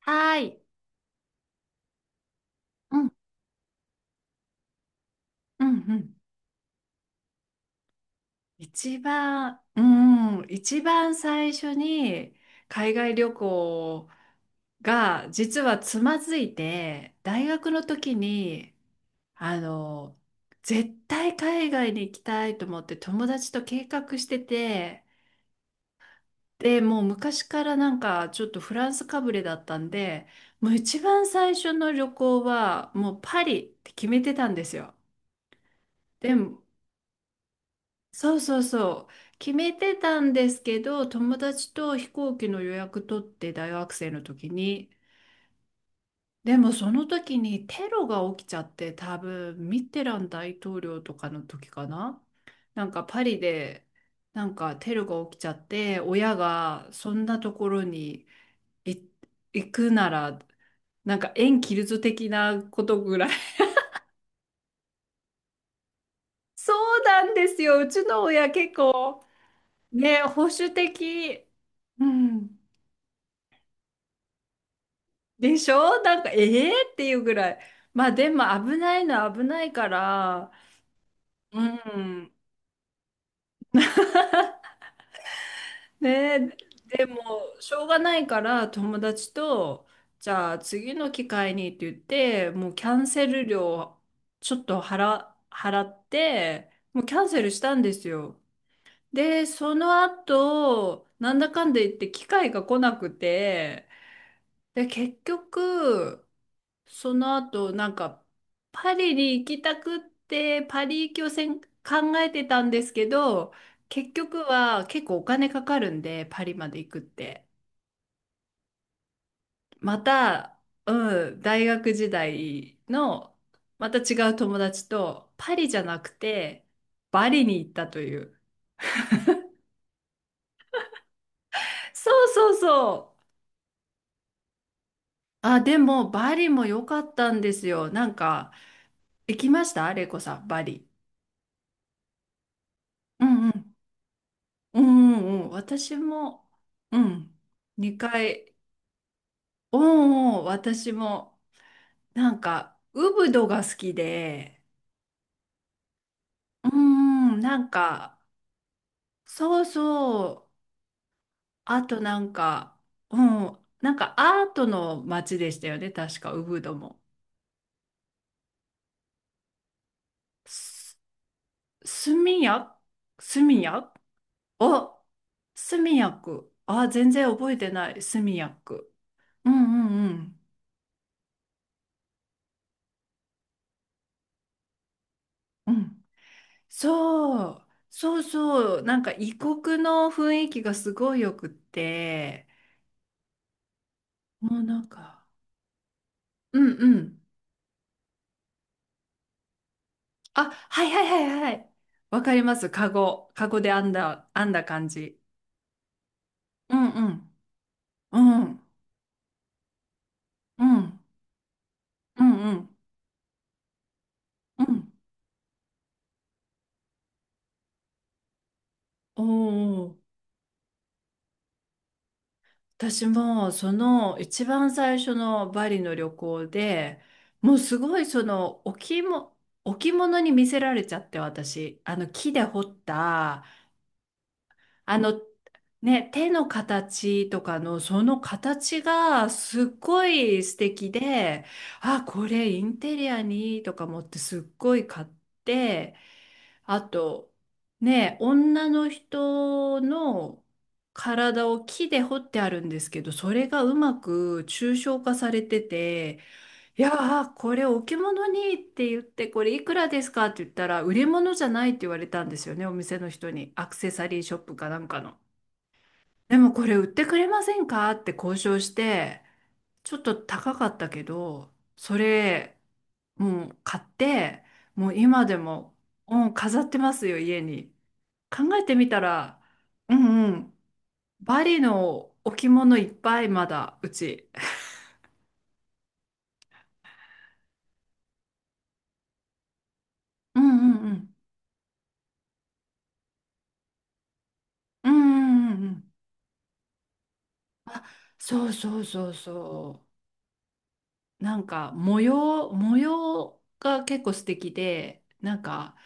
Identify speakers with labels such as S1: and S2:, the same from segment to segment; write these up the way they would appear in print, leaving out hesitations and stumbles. S1: はーい。うん、うん、うん。うん、一番最初に海外旅行が実はつまずいて、大学の時に、あの、絶対海外に行きたいと思って友達と計画してて、で、もう昔からなんかちょっとフランスかぶれだったんで、もう一番最初の旅行はもうパリって決めてたんですよ。でも、そうそうそう。決めてたんですけど、友達と飛行機の予約取って大学生の時に。でもその時にテロが起きちゃって、多分ミッテラン大統領とかの時かな。なんかパリでなんかテロが起きちゃって、親がそんなところにい行くなら、なんか縁切るぞ的なことぐらい。そうなんですよ。うちの親結構ね、保守的。うん。でしょなんか、ええー、っていうぐらい。まあでも危ないのは危ないから、うん。ねえでも、しょうがないから友達と、じゃあ次の機会にって言って、もうキャンセル料ちょっと払って、もうキャンセルしたんですよ。で、その後、なんだかんだ言って機会が来なくて、で、結局、その後、なんか、パリに行きたくって、パリ行きを考えてたんですけど、結局は結構お金かかるんで、パリまで行くって。また、うん、大学時代の、また違う友達と、パリじゃなくて、バリに行ったという。そうそうそう。あ、でも、バリも良かったんですよ。なんか、行きましたレイコさん、バリ。うんうん。うんうん、私も、うん、2回、うんうん、私も、なんか、ウブドが好きで、うんうん、なんか、そうそう、あとなんか、うん、なんかアートの街でしたよね、確か、ウブドも。すスミヤスミヤお、スミヤク。あ、全然覚えてない、スミヤク。うんうんうん。うんそう、そうそう、なんか異国の雰囲気がすごいよくって、もうなんか、うんうん。あ、はいはいはいはい。わかります。カゴで編んだ、編んだ感じ。うんうん。うん。うん。うんうんうん。おお、私もその一番最初のバリの旅行で、もうすごいその置物に見せられちゃって私、あの木で彫った、あの、ね、手の形とかのその形がすっごい素敵で、あ、これインテリアにいいとか思ってすっごい買って、あと、ね、女の人の体を木で彫ってあるんですけど、それがうまく抽象化されてて、いやー、これ置物にって言って、これいくらですかって言ったら、売り物じゃないって言われたんですよね、お店の人に。アクセサリーショップかなんかの。でもこれ売ってくれませんかって交渉して、ちょっと高かったけど、それ、もう買って、もう今でも、うん、飾ってますよ、家に。考えてみたら、うんうん、バリの置物いっぱいまだ、うち。うんうんうん。うんうんうんうん。あ、そうそうそうそう。なんか模様が結構素敵で、なんか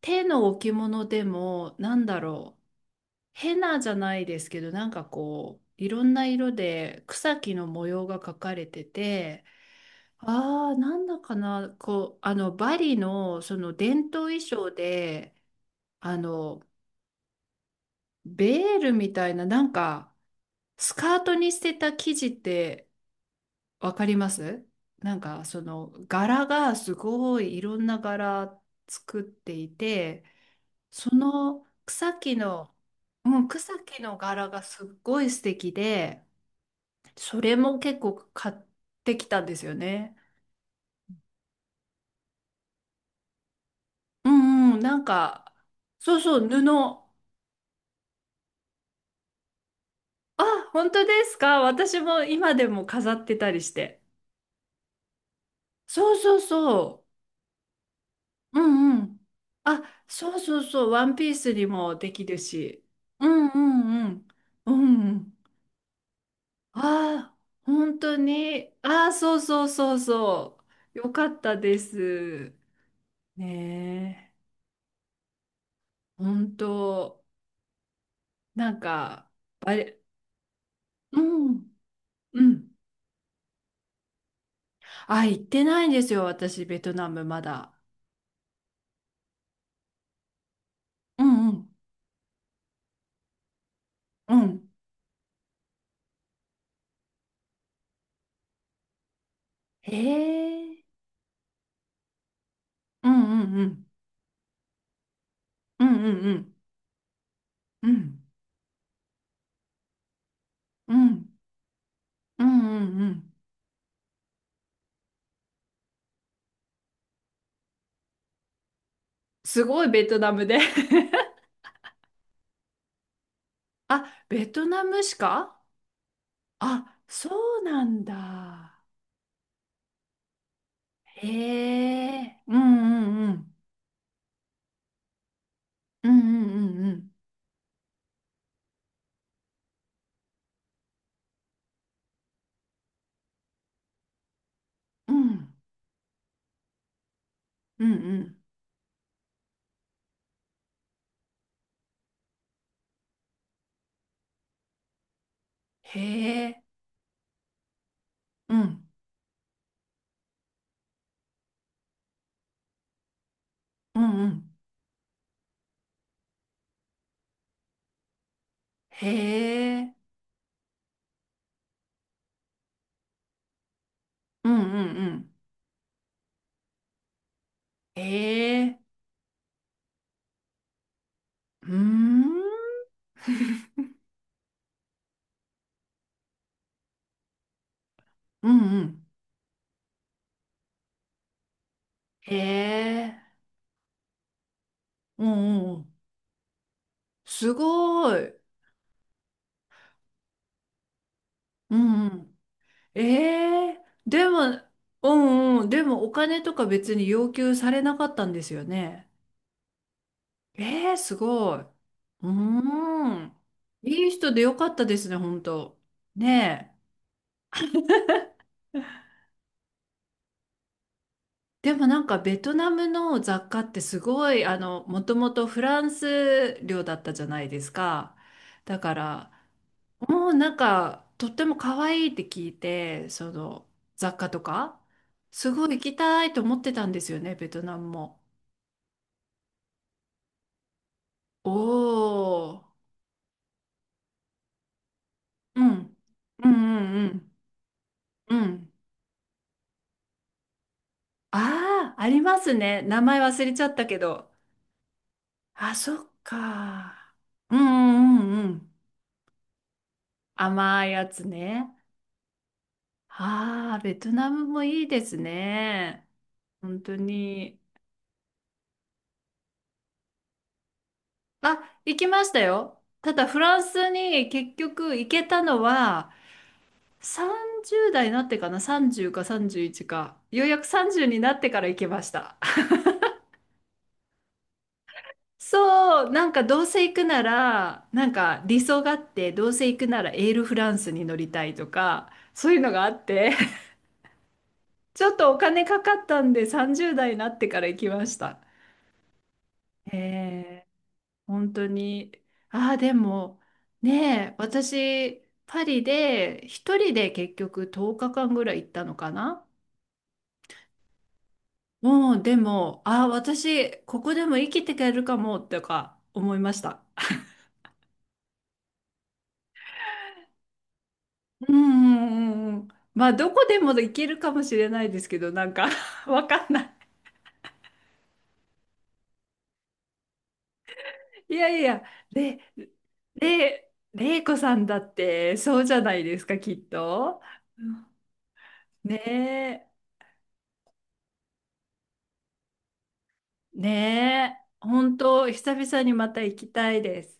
S1: 手の置物でもなんだろう、ヘナじゃないですけど、なんかこう、いろんな色で草木の模様が描かれてて、ああ、なんだかな、こう、バリのその伝統衣装で、あの、ベールみたいな、なんか、スカートに捨てた生地って、わかりますなんかその柄がすごいいろんな柄作っていてその草木の、うん、草木の柄がすっごい素敵でそれも結構買ってきたんですよね。うんうんなんかそうそう布あ本当ですか私も今でも飾ってたりしてそうそうそううんうん。あ、そうそうそう、ワンピースにもできるし。うんうんうん。うんうん。ああ、本当に。ああ、そうそうそうそう。よかったです。ねえ。本当、なんか、あれ、うん、うん。あ、行ってないんですよ、私、ベトナムまだ。うんうん、うん。へえ。うんうんうん。うんうんうん。うんうんうんうんうん。すごいベトナムで あ、ベトナムしかあ、そうなんだ。へえ。うんうんうん。うんうんうんうん。うんうんうん。へえ。うんうんうん。へえ。うんうんうん。へえ。うーん。うんうん。へえ。うんうんうん。すごい。うんうん。ええでも、うんうん、でもお金とか別に要求されなかったんですよね。ええすごい。うーん。いい人でよかったですね、本当。ねえ。でもなんかベトナムの雑貨ってすごい、もともとフランス領だったじゃないですか。だから、もうなんか、とっても可愛いって聞いて、その雑貨とか、すごい行きたいと思ってたんですよね、ベトナムも。おー。うん。うんうんうんうん。ああ、ありますね。名前忘れちゃったけど。あ、そっか。うんうんうんうん。甘いやつね。ああ、ベトナムもいいですね。本当に。あ、行きましたよ。ただフランスに結局行けたのは30代になってかな。30か31か。ようやく30になってから行けました。そう、なんかどうせ行くなら、なんか理想があって、どうせ行くならエールフランスに乗りたいとか、そういうのがあって、ちょっとお金かかったんで30代になってから行きました。ええ、本当に。ああ、でも、ねえ、私、パリで一人で結局10日間ぐらい行ったのかな。もうでも、ああ、私、ここでも生きていけるかも、とか思いました。うんうんうんうん。まあ、どこでも行けるかもしれないですけど、なんか わかんない。いやいや、れ、れいこさんだって、そうじゃないですか、きっと。うんねえ、ねえ、本当、久々にまた行きたいです。